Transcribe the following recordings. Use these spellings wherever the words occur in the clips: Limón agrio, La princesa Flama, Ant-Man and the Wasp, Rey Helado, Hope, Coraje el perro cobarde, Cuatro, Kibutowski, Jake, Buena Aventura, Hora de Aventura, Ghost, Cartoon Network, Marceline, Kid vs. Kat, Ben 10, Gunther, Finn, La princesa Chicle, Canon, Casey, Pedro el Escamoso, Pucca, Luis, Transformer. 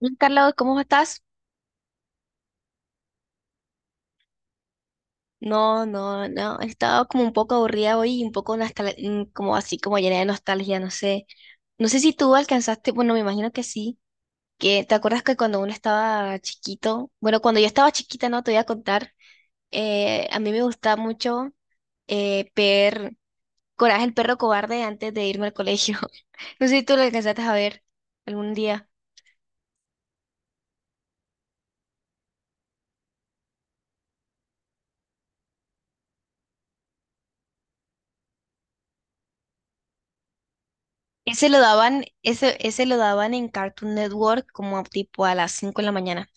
Hola, Carla, ¿cómo estás? No, no, no, he estado como un poco aburrida hoy y un poco como así, como llena de nostalgia, no sé. No sé si tú alcanzaste, bueno, me imagino que sí, que te acuerdas que cuando uno estaba chiquito, bueno, cuando yo estaba chiquita, no te voy a contar, a mí me gustaba mucho ver Coraje el perro cobarde antes de irme al colegio. No sé si tú lo alcanzaste a ver algún día. Ese lo daban, ese lo daban en Cartoon Network como tipo a las 5 de la mañana.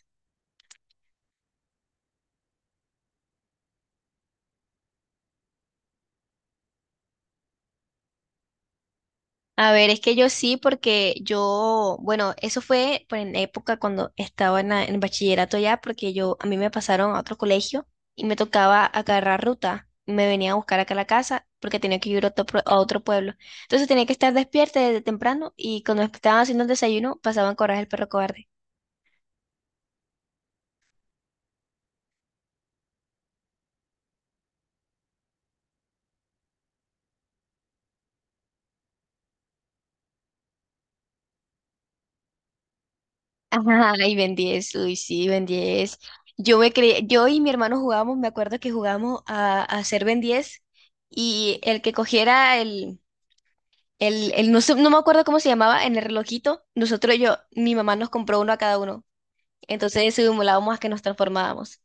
A ver, es que yo sí, porque yo, bueno, eso fue pues, en época cuando estaba en bachillerato ya, porque yo, a mí me pasaron a otro colegio y me tocaba agarrar ruta. Me venía a buscar acá a la casa porque tenía que ir a otro pueblo. Entonces tenía que estar despierta desde temprano y cuando estaban haciendo el desayuno pasaban Coraje el perro cobarde. Ajá, y Ben 10, uy, sí, Ben 10. Yo me creía, yo y mi hermano jugábamos, me acuerdo que jugábamos a ser Ben 10 y el que cogiera el no me acuerdo cómo se llamaba, en el relojito, mi mamá nos compró uno a cada uno. Entonces simulábamos a que nos transformábamos.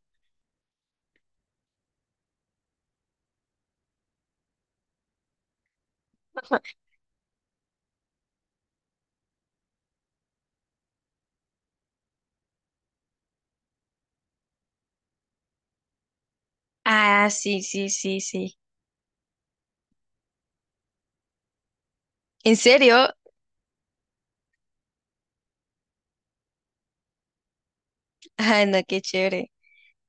Ah, sí, sí, sí, sí. ¿En serio? Ah, no, qué chévere.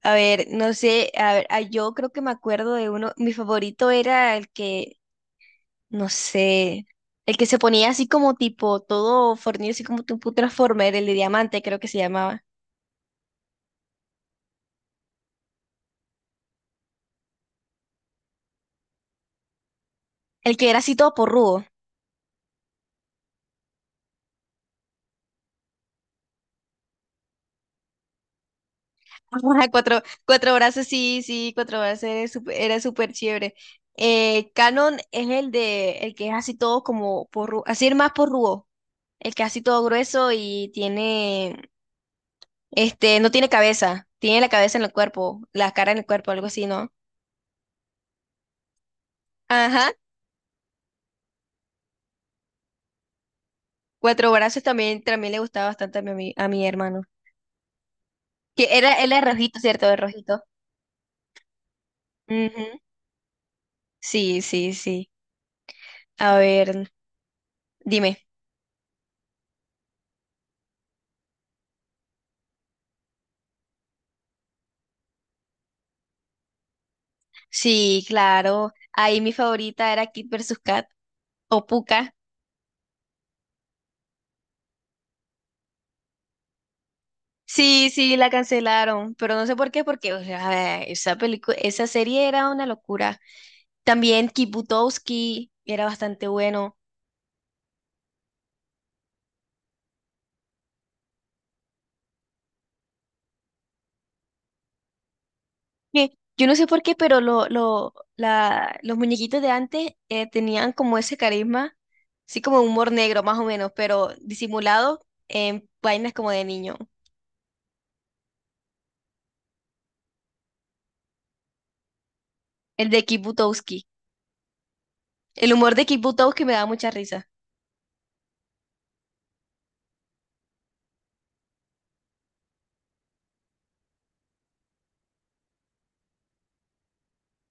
A ver, no sé, a ver, ah, yo creo que me acuerdo de uno, mi favorito era el que, no sé, el que se ponía así como tipo, todo fornido, así como tipo un Transformer, el de diamante creo que se llamaba. El que era así todo porrudo. Ajá, cuatro brazos, sí, sí, cuatro brazos era súper chévere. Canon es el que es así todo como así es más porrudo, el que es así todo grueso y tiene, este, no tiene cabeza, tiene la cabeza en el cuerpo, la cara en el cuerpo, algo así, ¿no? Ajá, cuatro brazos también le gustaba bastante a mi hermano. Que era, él era rojito, ¿cierto? El rojito. Ujú. Sí, sí, sí. A ver, dime. Sí, claro. Ahí mi favorita era Kid vs. Kat. O Pucca. Sí, sí, la cancelaron, pero no sé por qué, porque o sea, esa película, esa serie era una locura. También Kibutowski era bastante bueno. Eh, yo no sé por qué, pero los muñequitos de antes tenían como ese carisma, así como humor negro más o menos, pero disimulado en vainas como de niño. El de Kibutowski. El humor de Kibutowski me da mucha risa.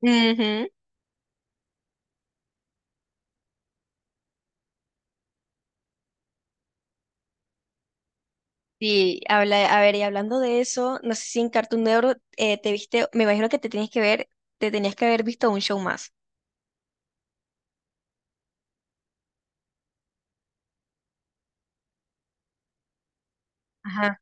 Ujú. Sí, a ver, y hablando de eso, no sé si en Cartoon Network te viste, me imagino que te tenías que ver, te tenías que haber visto un show más. Ajá.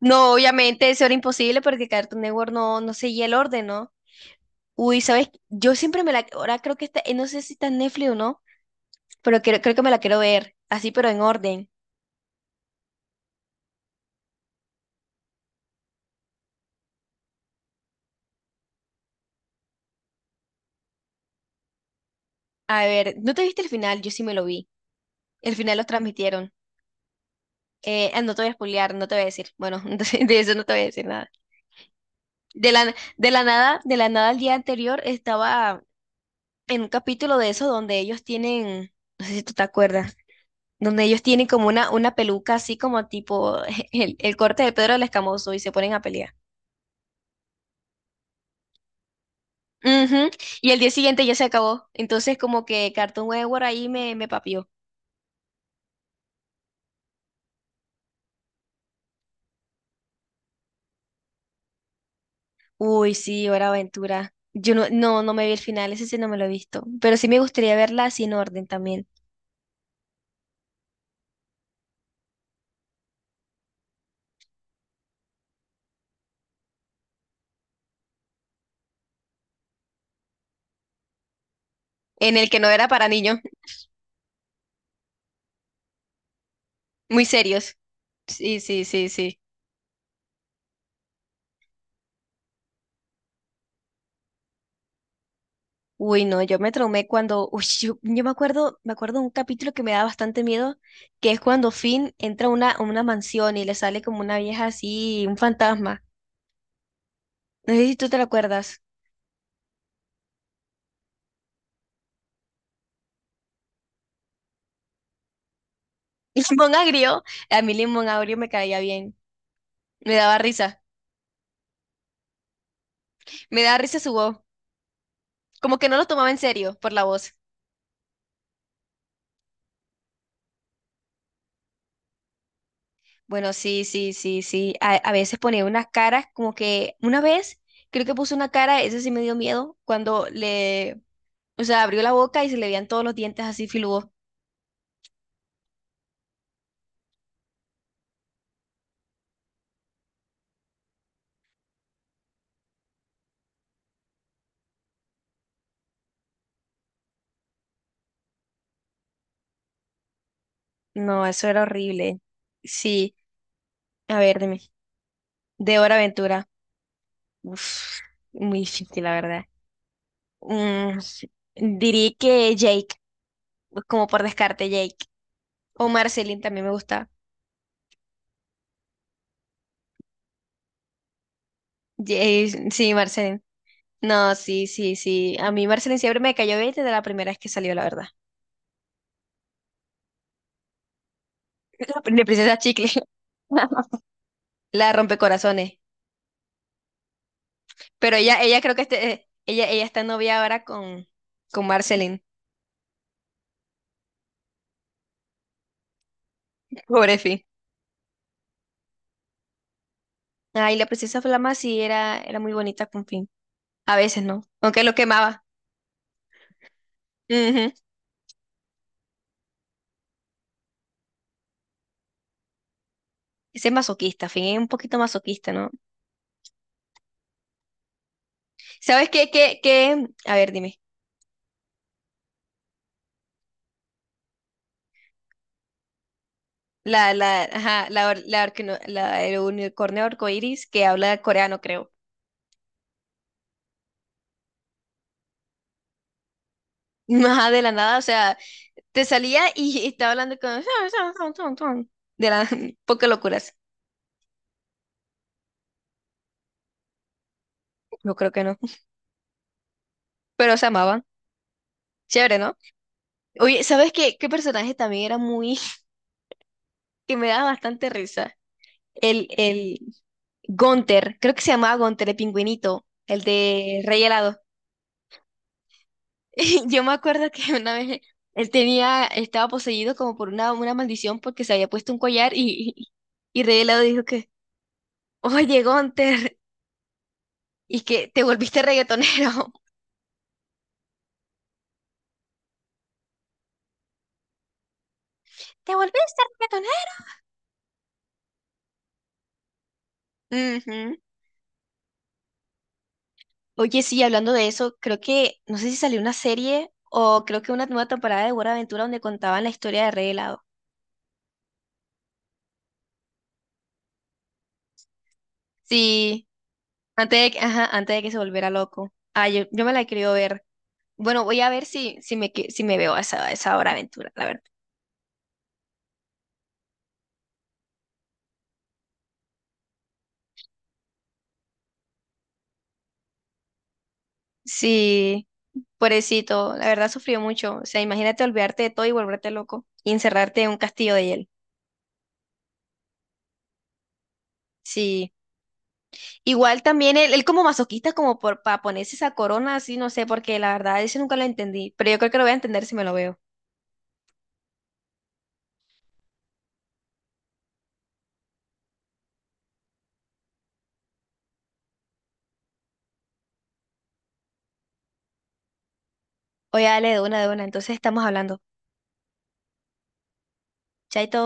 No, obviamente eso era imposible porque Cartoon Network no seguía el orden, ¿no? Uy, ¿sabes? Yo siempre me la, ahora creo que está, no sé si está en Netflix o no, pero creo que me la quiero ver, así pero en orden. A ver, ¿no te viste el final? Yo sí me lo vi. El final los transmitieron. No te voy a spoilear, no te voy a decir. Bueno, entonces de eso no te voy a decir nada. De la nada, el día anterior estaba en un capítulo de eso donde ellos tienen, no sé si tú te acuerdas, donde ellos tienen como una peluca así como tipo el corte de Pedro el Escamoso y se ponen a pelear. Ujú. Y el día siguiente ya se acabó. Entonces como que Cartoon Network ahí me papió. Uy, sí, Hora de Aventura. Yo no me vi el final, ese sí no me lo he visto. Pero sí me gustaría verla sin orden también. En el que no era para niños, muy serios. Sí, sí, sí, sí. Uy, no, yo me traumé cuando, uy, yo me acuerdo de un capítulo que me da bastante miedo, que es cuando Finn entra a una mansión y le sale como una vieja así, un fantasma. No sé si tú te lo acuerdas. Limón agrio, a mí Limón agrio me caía bien, me daba risa, me daba risa su voz, como que no lo tomaba en serio por la voz. Bueno, sí, sí, sí, sí, a veces ponía unas caras, como que una vez creo que puso una cara, eso sí me dio miedo, cuando le, o sea, abrió la boca y se le veían todos los dientes así filudos. No, eso era horrible. Sí, a ver, dime. De Hora Aventura. Uf, muy difícil, la verdad. Mm, diría que Jake, como por descarte, Jake. O Marceline también me gusta. Jake, sí, Marceline. No, sí, sí, sí. A mí Marceline siempre me cayó bien desde la primera vez que salió, la verdad. La princesa Chicle. La rompecorazones. Pero ella creo que ella está novia ahora con Marceline. Pobre Fi. Ay, la princesa Flama sí era muy bonita con Finn. A veces no, aunque lo quemaba. Ujú. Ese es masoquista, Finn es un poquito masoquista, ¿no? ¿Sabes qué? A ver, dime. Ajá, la, or- la, orquino- la- el unicornio arcoíris que habla coreano, creo. Ajá, de la nada, o sea, te salía y estaba hablando con... De la... Poca locuras. Yo creo que no. Pero se amaban. Chévere, ¿no? Oye, ¿sabes qué? ¿Qué personaje también era muy... que me daba bastante risa? El, el, Gunther, creo que se llamaba Gunther, el pingüinito, el de Rey Helado. Yo me acuerdo que una vez él tenía, estaba poseído como por una maldición porque se había puesto un collar y Rey Helado dijo que, oye, Gunther, y que te volviste reggaetonero. ¿Te volviste reggaetonero? Ujú. Oye, sí, hablando de eso, creo que, no sé si salió una serie o creo que una nueva temporada de Buena Aventura donde contaban la historia de Rey Helado. Sí, ajá, antes de que se volviera loco. Ah, yo me la quería ver. Bueno, voy a ver si me veo a esa hora aventura, la verdad. Sí, pobrecito, la verdad sufrió mucho. O sea, imagínate olvidarte de todo y volverte loco y encerrarte en un castillo de hielo. Sí, igual también él como masoquista, como por para ponerse esa corona así, no sé, porque la verdad eso nunca lo entendí, pero yo creo que lo voy a entender si me lo veo. Oye, dale de una, entonces estamos hablando. Chaito.